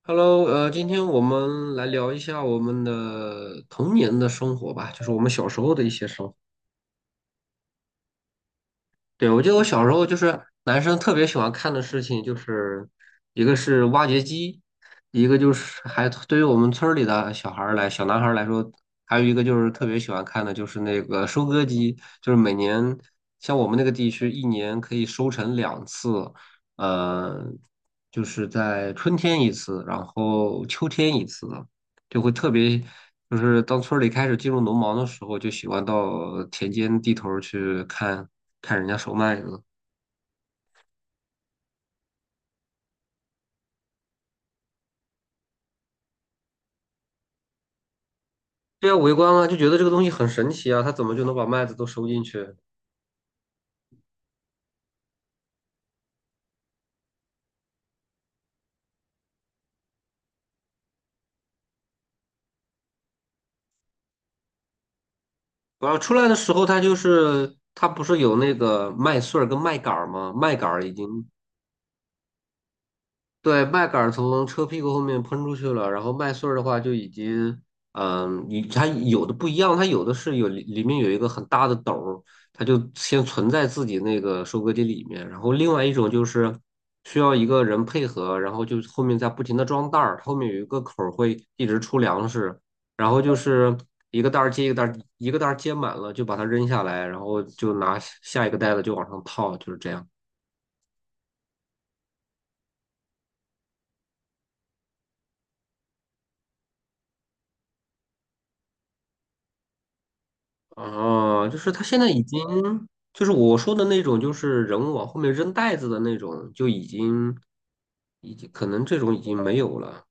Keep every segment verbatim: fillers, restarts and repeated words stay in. Hello，呃，今天我们来聊一下我们的童年的生活吧，就是我们小时候的一些生活。对，我记得我小时候就是男生特别喜欢看的事情，就是一个是挖掘机，一个就是还对于我们村儿里的小孩儿来，小男孩儿来说，还有一个就是特别喜欢看的就是那个收割机，就是每年像我们那个地区一年可以收成两次，呃，就是在春天一次，然后秋天一次。就会特别，就是当村儿里开始进入农忙的时候，就喜欢到田间地头儿去看看人家收麦子。对啊，围观啊，就觉得这个东西很神奇啊，他怎么就能把麦子都收进去？然后出来的时候，他就是他不是有那个麦穗儿跟麦秆儿吗？麦秆儿已经对，麦秆儿从车屁股后面喷出去了，然后麦穗儿的话就已经，嗯，你它有的不一样，它有的是有里里面有一个很大的斗儿，它就先存在自己那个收割机里面，然后另外一种就是需要一个人配合，然后就后面再不停的装袋儿，后面有一个口儿会一直出粮食，然后就是一个袋儿接一个袋儿，一个袋儿接满了就把它扔下来，然后就拿下一个袋子就往上套，就是这样。哦，就是他现在已经，就是我说的那种，就是人物往后面扔袋子的那种，就已经，已经可能这种已经没有了。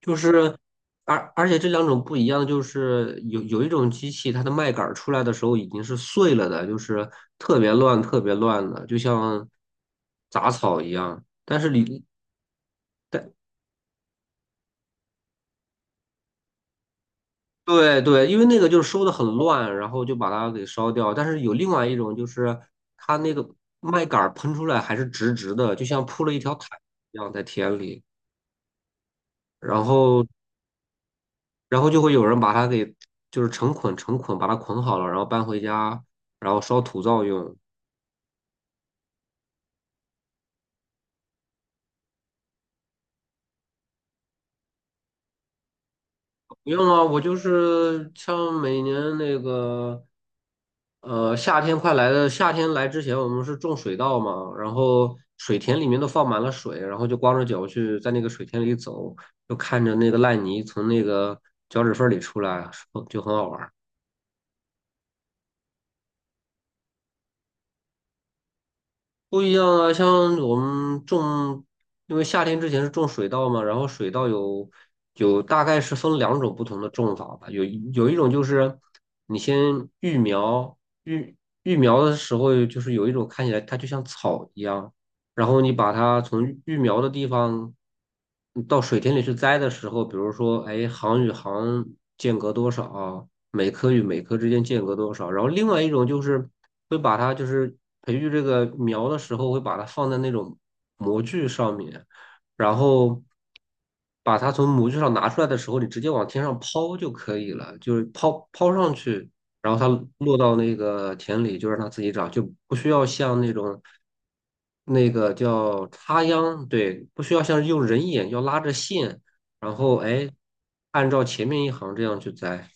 就是，而而且这两种不一样，就是有有一种机器，它的麦秆儿出来的时候已经是碎了的，就是特别乱、特别乱的，就像杂草一样。但是你，但对对，因为那个就是收的很乱，然后就把它给烧掉。但是有另外一种，就是它那个麦秆儿喷出来还是直直的，就像铺了一条毯一样在田里。然后，然后就会有人把它给就是成捆成捆把它捆好了，然后搬回家，然后烧土灶用。不用啊，我就是像每年那个，呃，夏天快来的，夏天来之前，我们是种水稻嘛，然后水田里面都放满了水，然后就光着脚去在那个水田里走，就看着那个烂泥从那个脚趾缝里出来，就很好玩。不一样啊，像我们种，因为夏天之前是种水稻嘛，然后水稻有有大概是分两种不同的种法吧，有一有一种就是你先育苗，育育苗的时候就是有一种看起来它就像草一样，然后你把它从育育苗的地方到水田里去栽的时候，比如说哎行与行间隔多少，每棵与每棵之间间隔多少。然后另外一种就是会把它就是培育这个苗的时候，会把它放在那种模具上面，然后把它从模具上拿出来的时候，你直接往天上抛就可以了，就是抛抛上去，然后它落到那个田里就让它自己长，就不需要像那种。那个叫插秧，对，不需要像是用人眼要拉着线，然后哎，按照前面一行这样去栽。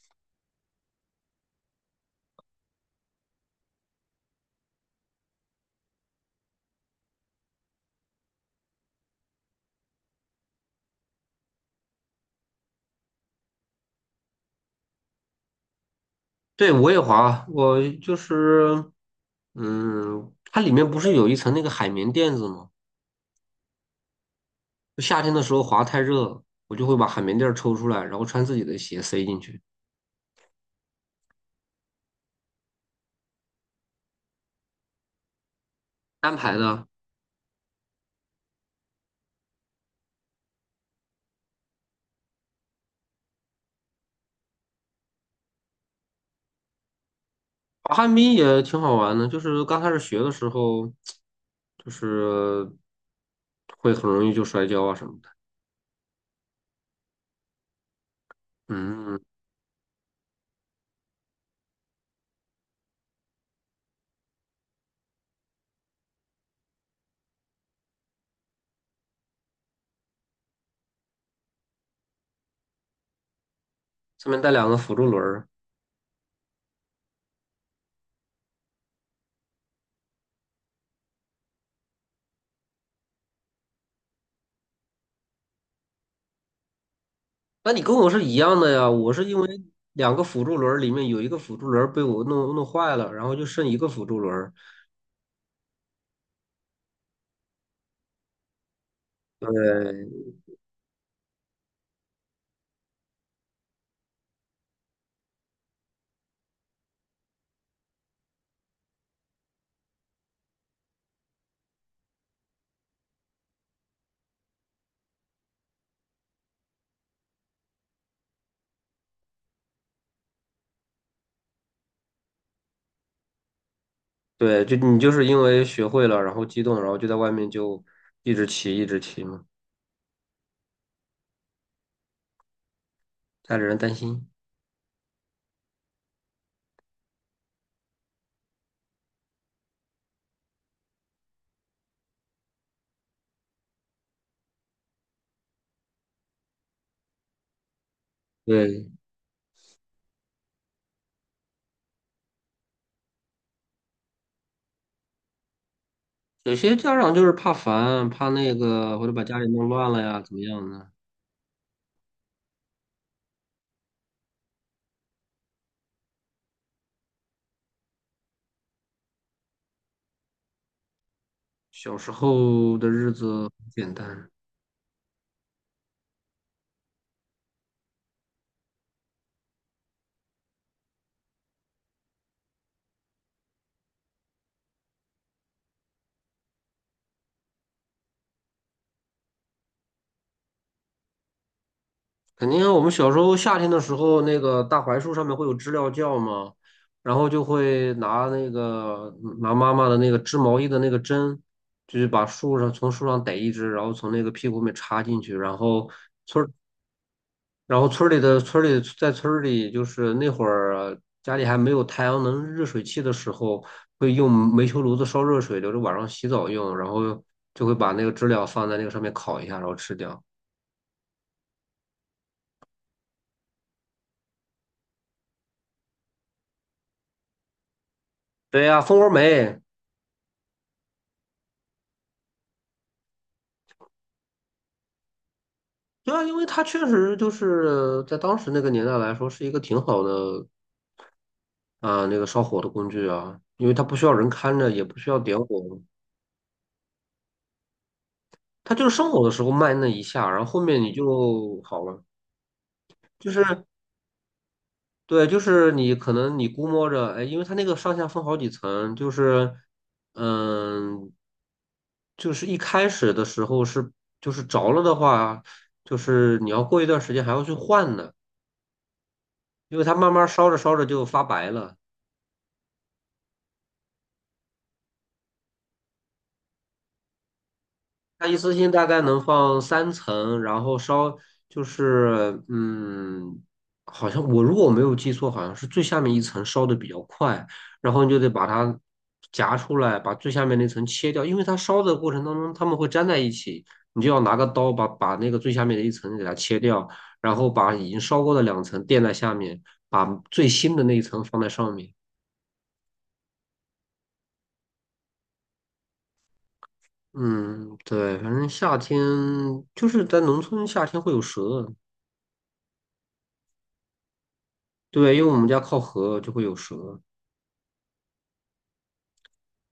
对，我也滑啊，我就是，嗯，它里面不是有一层那个海绵垫子吗？就夏天的时候滑太热了我就会把海绵垫儿抽出来，然后穿自己的鞋塞进去，单排的。滑旱冰也挺好玩的，就是刚开始学的时候，就是会很容易就摔跤啊什么的。嗯，上面带两个辅助轮儿，那你跟我是一样的呀，我是因为两个辅助轮儿里面有一个辅助轮儿被我弄弄坏了，然后就剩一个辅助轮儿。对，就你就是因为学会了，然后激动，然后就在外面就一直骑，一直骑嘛，家里人担心。对，有些家长就是怕烦，怕那个或者把家里弄乱了呀，怎么样呢？小时候的日子很简单，肯定我们小时候夏天的时候，那个大槐树上面会有知了叫嘛，然后就会拿那个拿妈妈的那个织毛衣的那个针，就是把树上从树上逮一只，然后从那个屁股里面插进去，然后。然后村儿里的村儿里在村儿里，就是那会儿家里还没有太阳能热水器的时候，会用煤球炉子烧热水，留着晚上洗澡用，然后就会把那个知了放在那个上面烤一下，然后吃掉。对呀，蜂窝煤，对啊，因为它确实就是在当时那个年代来说是一个挺好的啊、那个烧火的工具啊，因为它不需要人看着，也不需要点火，它就是生火的时候慢那一下，然后后面你就好了。就是对，就是你可能你估摸着，哎，因为它那个上下分好几层，就是，嗯，就是一开始的时候是就是着了的话，就是你要过一段时间还要去换呢，因为它慢慢烧着烧着就发白了。它一次性大概能放三层，然后烧就是嗯，好像我如果我没有记错，好像是最下面一层烧的比较快，然后你就得把它夹出来，把最下面那层切掉，因为它烧的过程当中它们会粘在一起，你就要拿个刀把把那个最下面的一层给它切掉，然后把已经烧过的两层垫在下面，把最新的那一层放在上面。嗯，对，反正夏天就是在农村，夏天会有蛇。对，因为我们家靠河就会有蛇，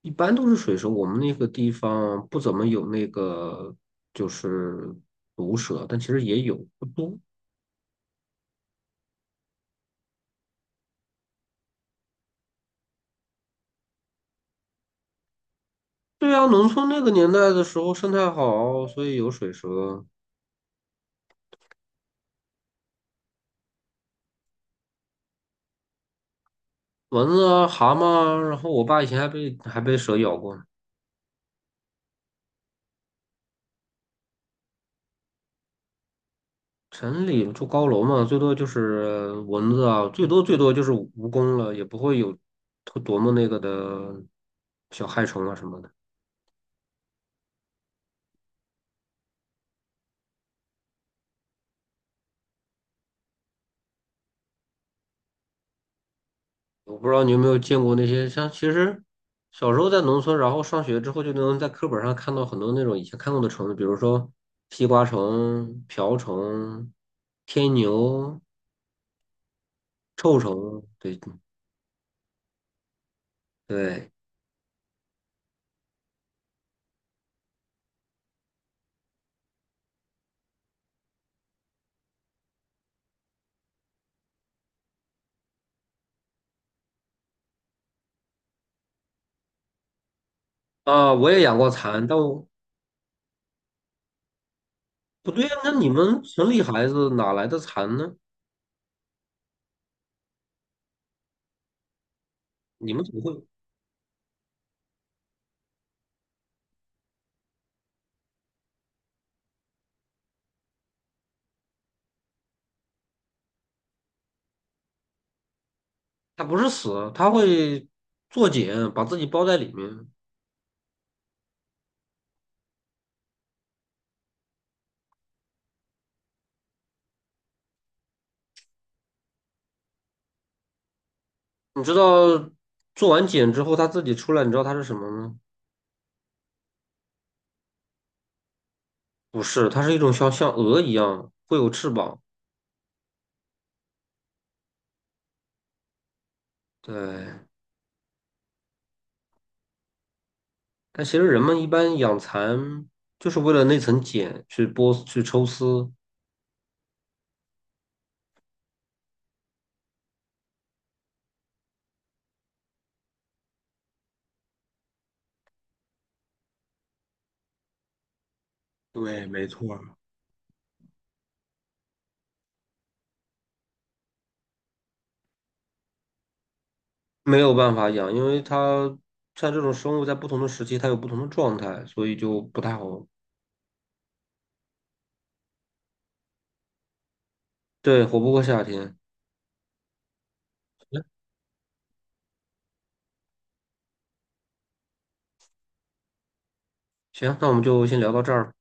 一般都是水蛇。我们那个地方不怎么有那个就是毒蛇，但其实也有，不多。对啊，农村那个年代的时候生态好，所以有水蛇、蚊子啊、蛤蟆啊然后我爸以前还被还被蛇咬过。城里住高楼嘛，最多就是蚊子啊，最多最多就是蜈蚣了，也不会有多多么那个的小害虫啊什么的。我不知道你有没有见过那些像，其实小时候在农村，然后上学之后就能在课本上看到很多那种以前看过的虫子，比如说西瓜虫、瓢虫、天牛、臭虫，对对啊，我也养过蚕，但我不对啊，那你们城里孩子哪来的蚕呢？你们怎么会？它不是死，它会做茧，把自己包在里面。你知道做完茧之后它自己出来，你知道它是什么吗？不是，它是一种像像鹅一样会有翅膀。对，但其实人们一般养蚕就是为了那层茧去剥去抽丝，对，没错儿没有办法养，因为它像这种生物在不同的时期它有不同的状态，所以就不太好，对，活不过夏天。行，那我们就先聊到这儿。